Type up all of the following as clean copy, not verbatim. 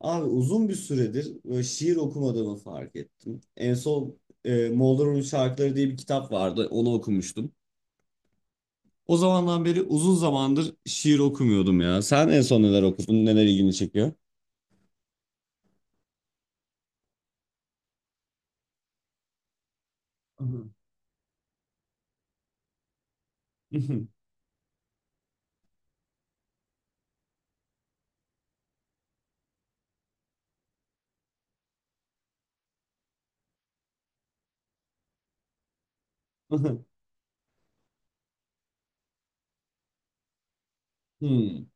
Abi uzun bir süredir böyle şiir okumadığımı fark ettim. En son Moğolların Şarkıları diye bir kitap vardı. Onu okumuştum. O zamandan beri uzun zamandır şiir okumuyordum ya. Sen en son neler okudun? Neler ilgini çekiyor?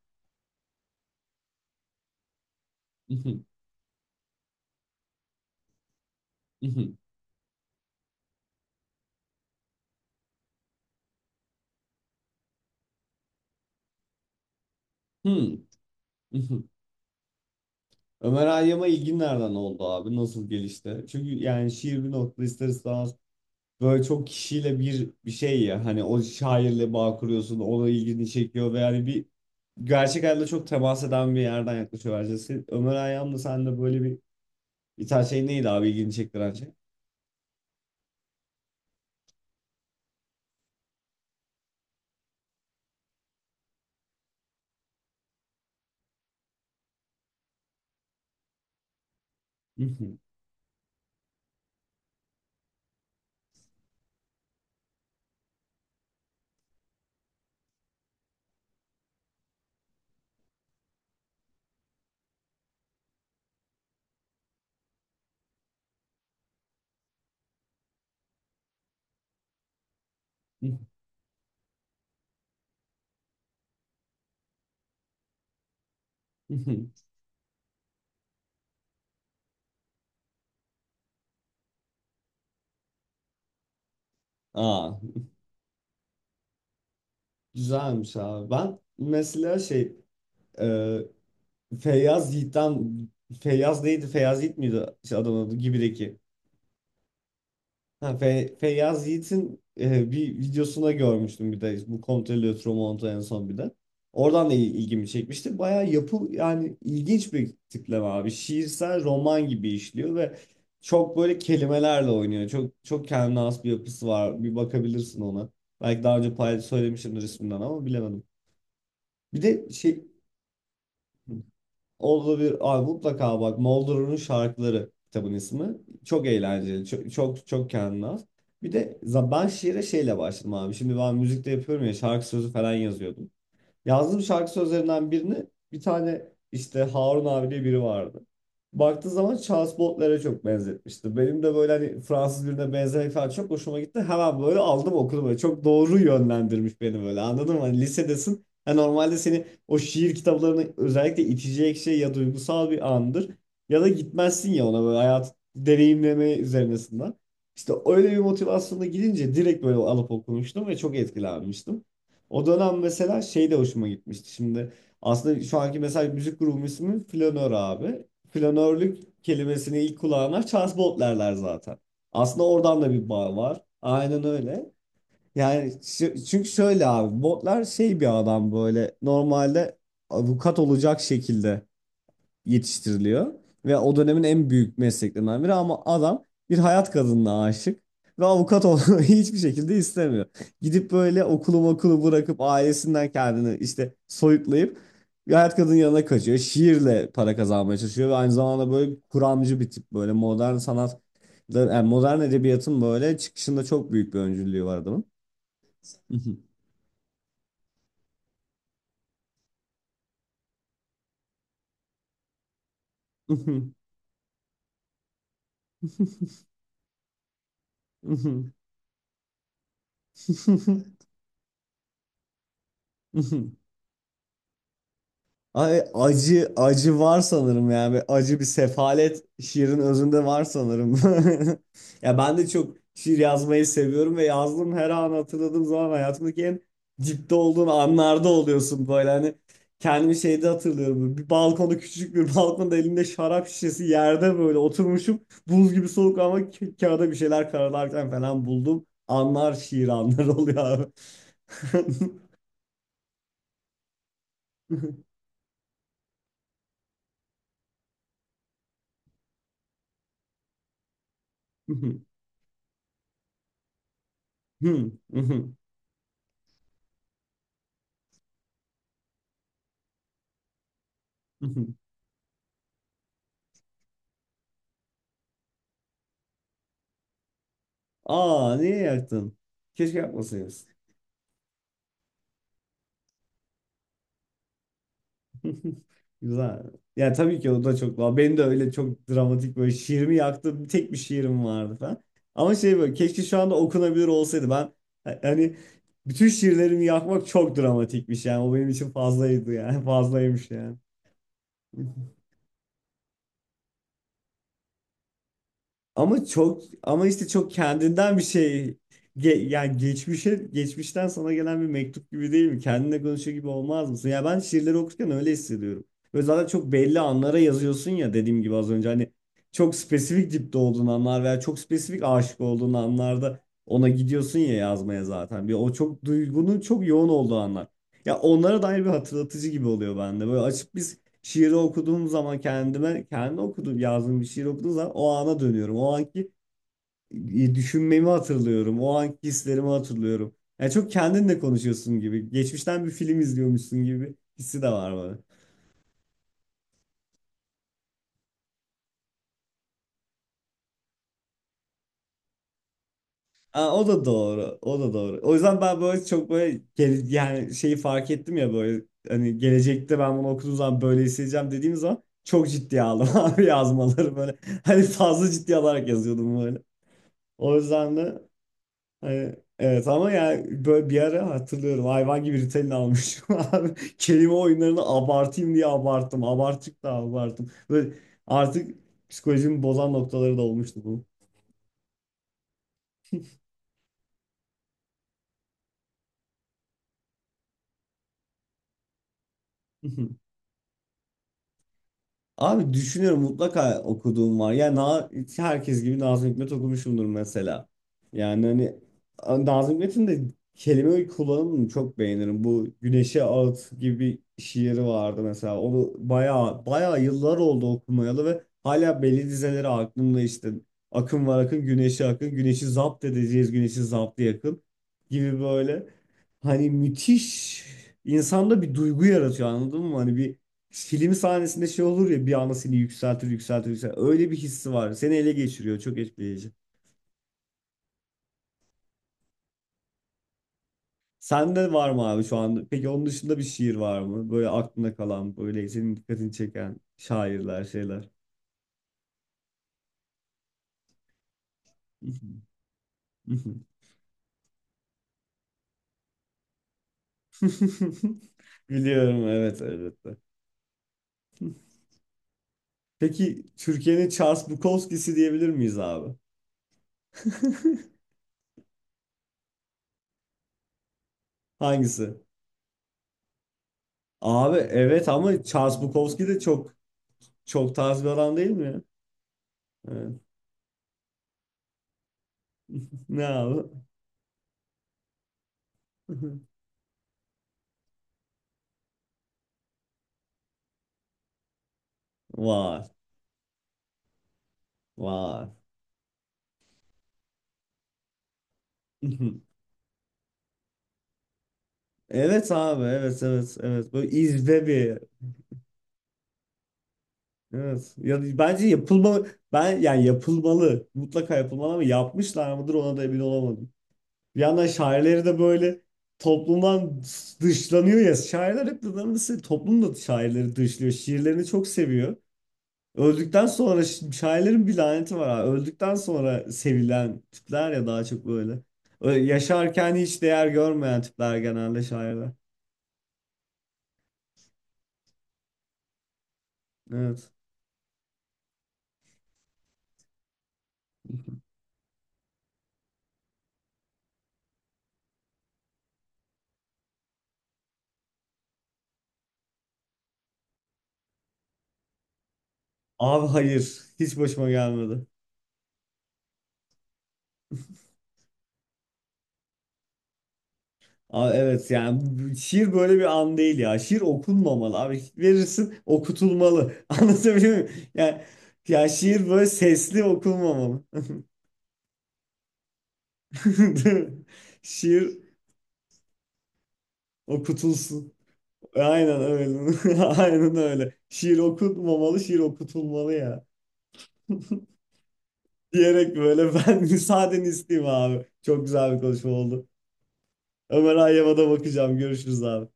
Ömer Hayyam'a ilgin nereden oldu abi? Nasıl gelişti? Çünkü yani şiir bir nokta ister istemez böyle çok kişiyle bir şey ya, hani o şairle bağ kuruyorsun, ona ilgini çekiyor ve yani bir gerçek hayatta çok temas eden bir yerden yaklaşıyor bence. Ömer Hayyam da sende böyle bir tane şey neydi abi ilgini çektiren şey? Aa, güzelmiş abi. Ben mesela şey, e, Feyyaz Yiğit'ten. Feyyaz neydi? Feyyaz Yiğit miydi şey, adamın adı? Gibi'deki. Ha, Feyyaz Yiğit'in bir videosuna görmüştüm, bir de bu Kontrol Ötürü en son bir de. Oradan da ilgimi çekmişti. Bayağı yapı, yani ilginç bir tipleme abi. Şiirsel roman gibi işliyor ve çok böyle kelimelerle oynuyor. Çok çok kendine has bir yapısı var. Bir bakabilirsin ona. Belki daha önce pay söylemişimdir isminden ama bilemedim. Bir de şey, olabilir. Abi mutlaka bak, Moldor'un şarkıları kitabın ismi. Çok eğlenceli. Çok çok, çok kendine has. Bir de ben şiire şeyle başladım abi. Şimdi ben müzikte yapıyorum ya, şarkı sözü falan yazıyordum. Yazdığım şarkı sözlerinden birini, bir tane işte Harun abi diye biri vardı. Baktığı zaman Charles Baudelaire çok benzetmişti. Benim de böyle hani Fransız birine benzemek falan çok hoşuma gitti. Hemen böyle aldım okudum. Böyle çok doğru yönlendirmiş beni böyle, anladın mı? Hani lisedesin. Ha, normalde seni o şiir kitaplarını özellikle itecek şey ya duygusal bir andır. Ya da gitmezsin ya ona böyle hayat deneyimleme üzerinesinden. İşte öyle bir motivasyonla gidince direkt böyle alıp okumuştum ve çok etkilenmiştim. O dönem mesela şey de hoşuma gitmişti. Şimdi aslında şu anki mesela müzik grubum ismi Flanör abi. Flanörlük kelimesini ilk kulağına Charles Baudelaire zaten. Aslında oradan da bir bağ var. Aynen öyle. Yani şu- çünkü şöyle abi, Baudelaire şey bir adam böyle normalde avukat olacak şekilde yetiştiriliyor. Ve o dönemin en büyük mesleklerinden biri, ama adam bir hayat kadınına aşık. Ve avukat olmayı hiçbir şekilde istemiyor. Gidip böyle okulu bırakıp ailesinden kendini işte soyutlayıp bir hayat kadının yanına kaçıyor. Şiirle para kazanmaya çalışıyor ve aynı zamanda böyle kuramcı bir tip, böyle modern sanat, yani modern edebiyatın böyle çıkışında çok büyük bir öncülüğü var adamın. Ay, acı acı var sanırım yani. Ve acı bir sefalet şiirin özünde var sanırım. Ya ben de çok şiir yazmayı seviyorum ve yazdığım her an, hatırladığım zaman, hayatımdaki en dipte olduğun anlarda oluyorsun böyle, hani kendimi şeyde hatırlıyorum. Böyle bir balkonda, küçük bir balkonda, elimde şarap şişesi, yerde böyle oturmuşum. Buz gibi soğuk ama kağıda bir şeyler karalarken falan buldum. Anlar şiir, anlar oluyor abi. Aa, niye yaktın? Keşke yakmasaydınız. Güzel. Ya tabii ki o da çok daha. Benim de öyle çok dramatik böyle şiirimi yaktım. Tek bir şiirim vardı falan. Ama şey, böyle keşke şu anda okunabilir olsaydı. Ben hani bütün şiirlerimi yakmak çok dramatikmiş yani. O benim için fazlaydı yani. Fazlaymış yani. Ama çok, ama işte çok kendinden bir şey. Yani geçmişe, geçmişten sana gelen bir mektup gibi değil mi? Kendinle konuşuyor gibi olmaz mısın? Ya, ben şiirleri okurken öyle hissediyorum. Ve zaten çok belli anlara yazıyorsun ya, dediğim gibi az önce, hani çok spesifik dipte olduğun anlar veya çok spesifik aşık olduğun anlarda ona gidiyorsun ya yazmaya zaten. Bir o çok duygunun çok yoğun olduğu anlar. Ya, onlara dair bir hatırlatıcı gibi oluyor bende. Böyle açıp bir şiiri okuduğum zaman, kendime kendi okuduğum, yazdığım bir şiir okuduğum zaman o ana dönüyorum. O anki düşünmemi hatırlıyorum. O anki hislerimi hatırlıyorum. Yani çok kendinle konuşuyorsun gibi. Geçmişten bir film izliyormuşsun gibi hissi de var bana. Aa, o da doğru. O da doğru. O yüzden ben böyle çok böyle yani şeyi fark ettim ya böyle, hani gelecekte ben bunu okuduğum zaman böyle hissedeceğim dediğim zaman çok ciddiye aldım abi yazmaları böyle. Hani fazla ciddi alarak yazıyordum böyle. O yüzden de hani, evet, ama yani böyle bir ara hatırlıyorum, hayvan gibi Ritalin almışım abi. Kelime oyunlarını abartayım diye abarttım. Abarttık da abarttım. Böyle artık psikolojimi bozan noktaları da olmuştu bu. Abi düşünüyorum, mutlaka okuduğum var. Yani herkes gibi Nazım Hikmet okumuşumdur mesela. Yani hani Nazım Hikmet'in de kelime kullanımını çok beğenirim. Bu Güneşe Ağıt gibi bir şiiri vardı mesela. Onu bayağı bayağı yıllar oldu okumayalı ve hala belli dizeleri aklımda işte. Akın var akın, güneşe akın, güneşi zapt edeceğiz, güneşi zaptı yakın gibi böyle. Hani müthiş, insanda bir duygu yaratıyor, anladın mı? Hani bir film sahnesinde şey olur ya, bir anda seni yükseltir yükseltir yükseltir. Öyle bir hissi var. Seni ele geçiriyor. Çok etkileyici. Sende var mı abi şu anda? Peki onun dışında bir şiir var mı? Böyle aklına kalan, böyle senin dikkatini çeken şairler, şeyler. Biliyorum, evet, elbette. Peki Türkiye'nin Charles Bukowski'si diyebilir miyiz abi? Hangisi? Abi evet, ama Charles Bukowski de çok, çok tarz bir adam değil mi ya? Evet. Ne abi? Vay. Vay. Evet abi, evet evet evet, böyle izbe bir. Evet ya, bence yapılmalı, ben yani yapılmalı, mutlaka yapılmalı, ama yapmışlar mıdır, ona da emin olamadım. Bir yandan şairleri de böyle toplumdan dışlanıyor ya şairler, hep nedense toplum da şairleri dışlıyor, şiirlerini çok seviyor. Öldükten sonra şairlerin bir laneti var abi. Öldükten sonra sevilen tipler ya, daha çok böyle. Yaşarken hiç değer görmeyen tipler genelde şairler. Evet. Abi hayır. Hiç başıma gelmedi. Abi evet yani şiir böyle bir an değil ya. Şiir okunmamalı abi. Verirsin, okutulmalı. Anlatabiliyor muyum? Yani, ya şiir böyle sesli okunmamalı. Değil mi? Şiir okutulsun. Aynen öyle. Aynen öyle. Şiir okunmamalı, şiir okutulmalı ya. Diyerek böyle ben müsaadeni isteyeyim abi. Çok güzel bir konuşma oldu. Ömer Hayyam'a da bakacağım. Görüşürüz abi.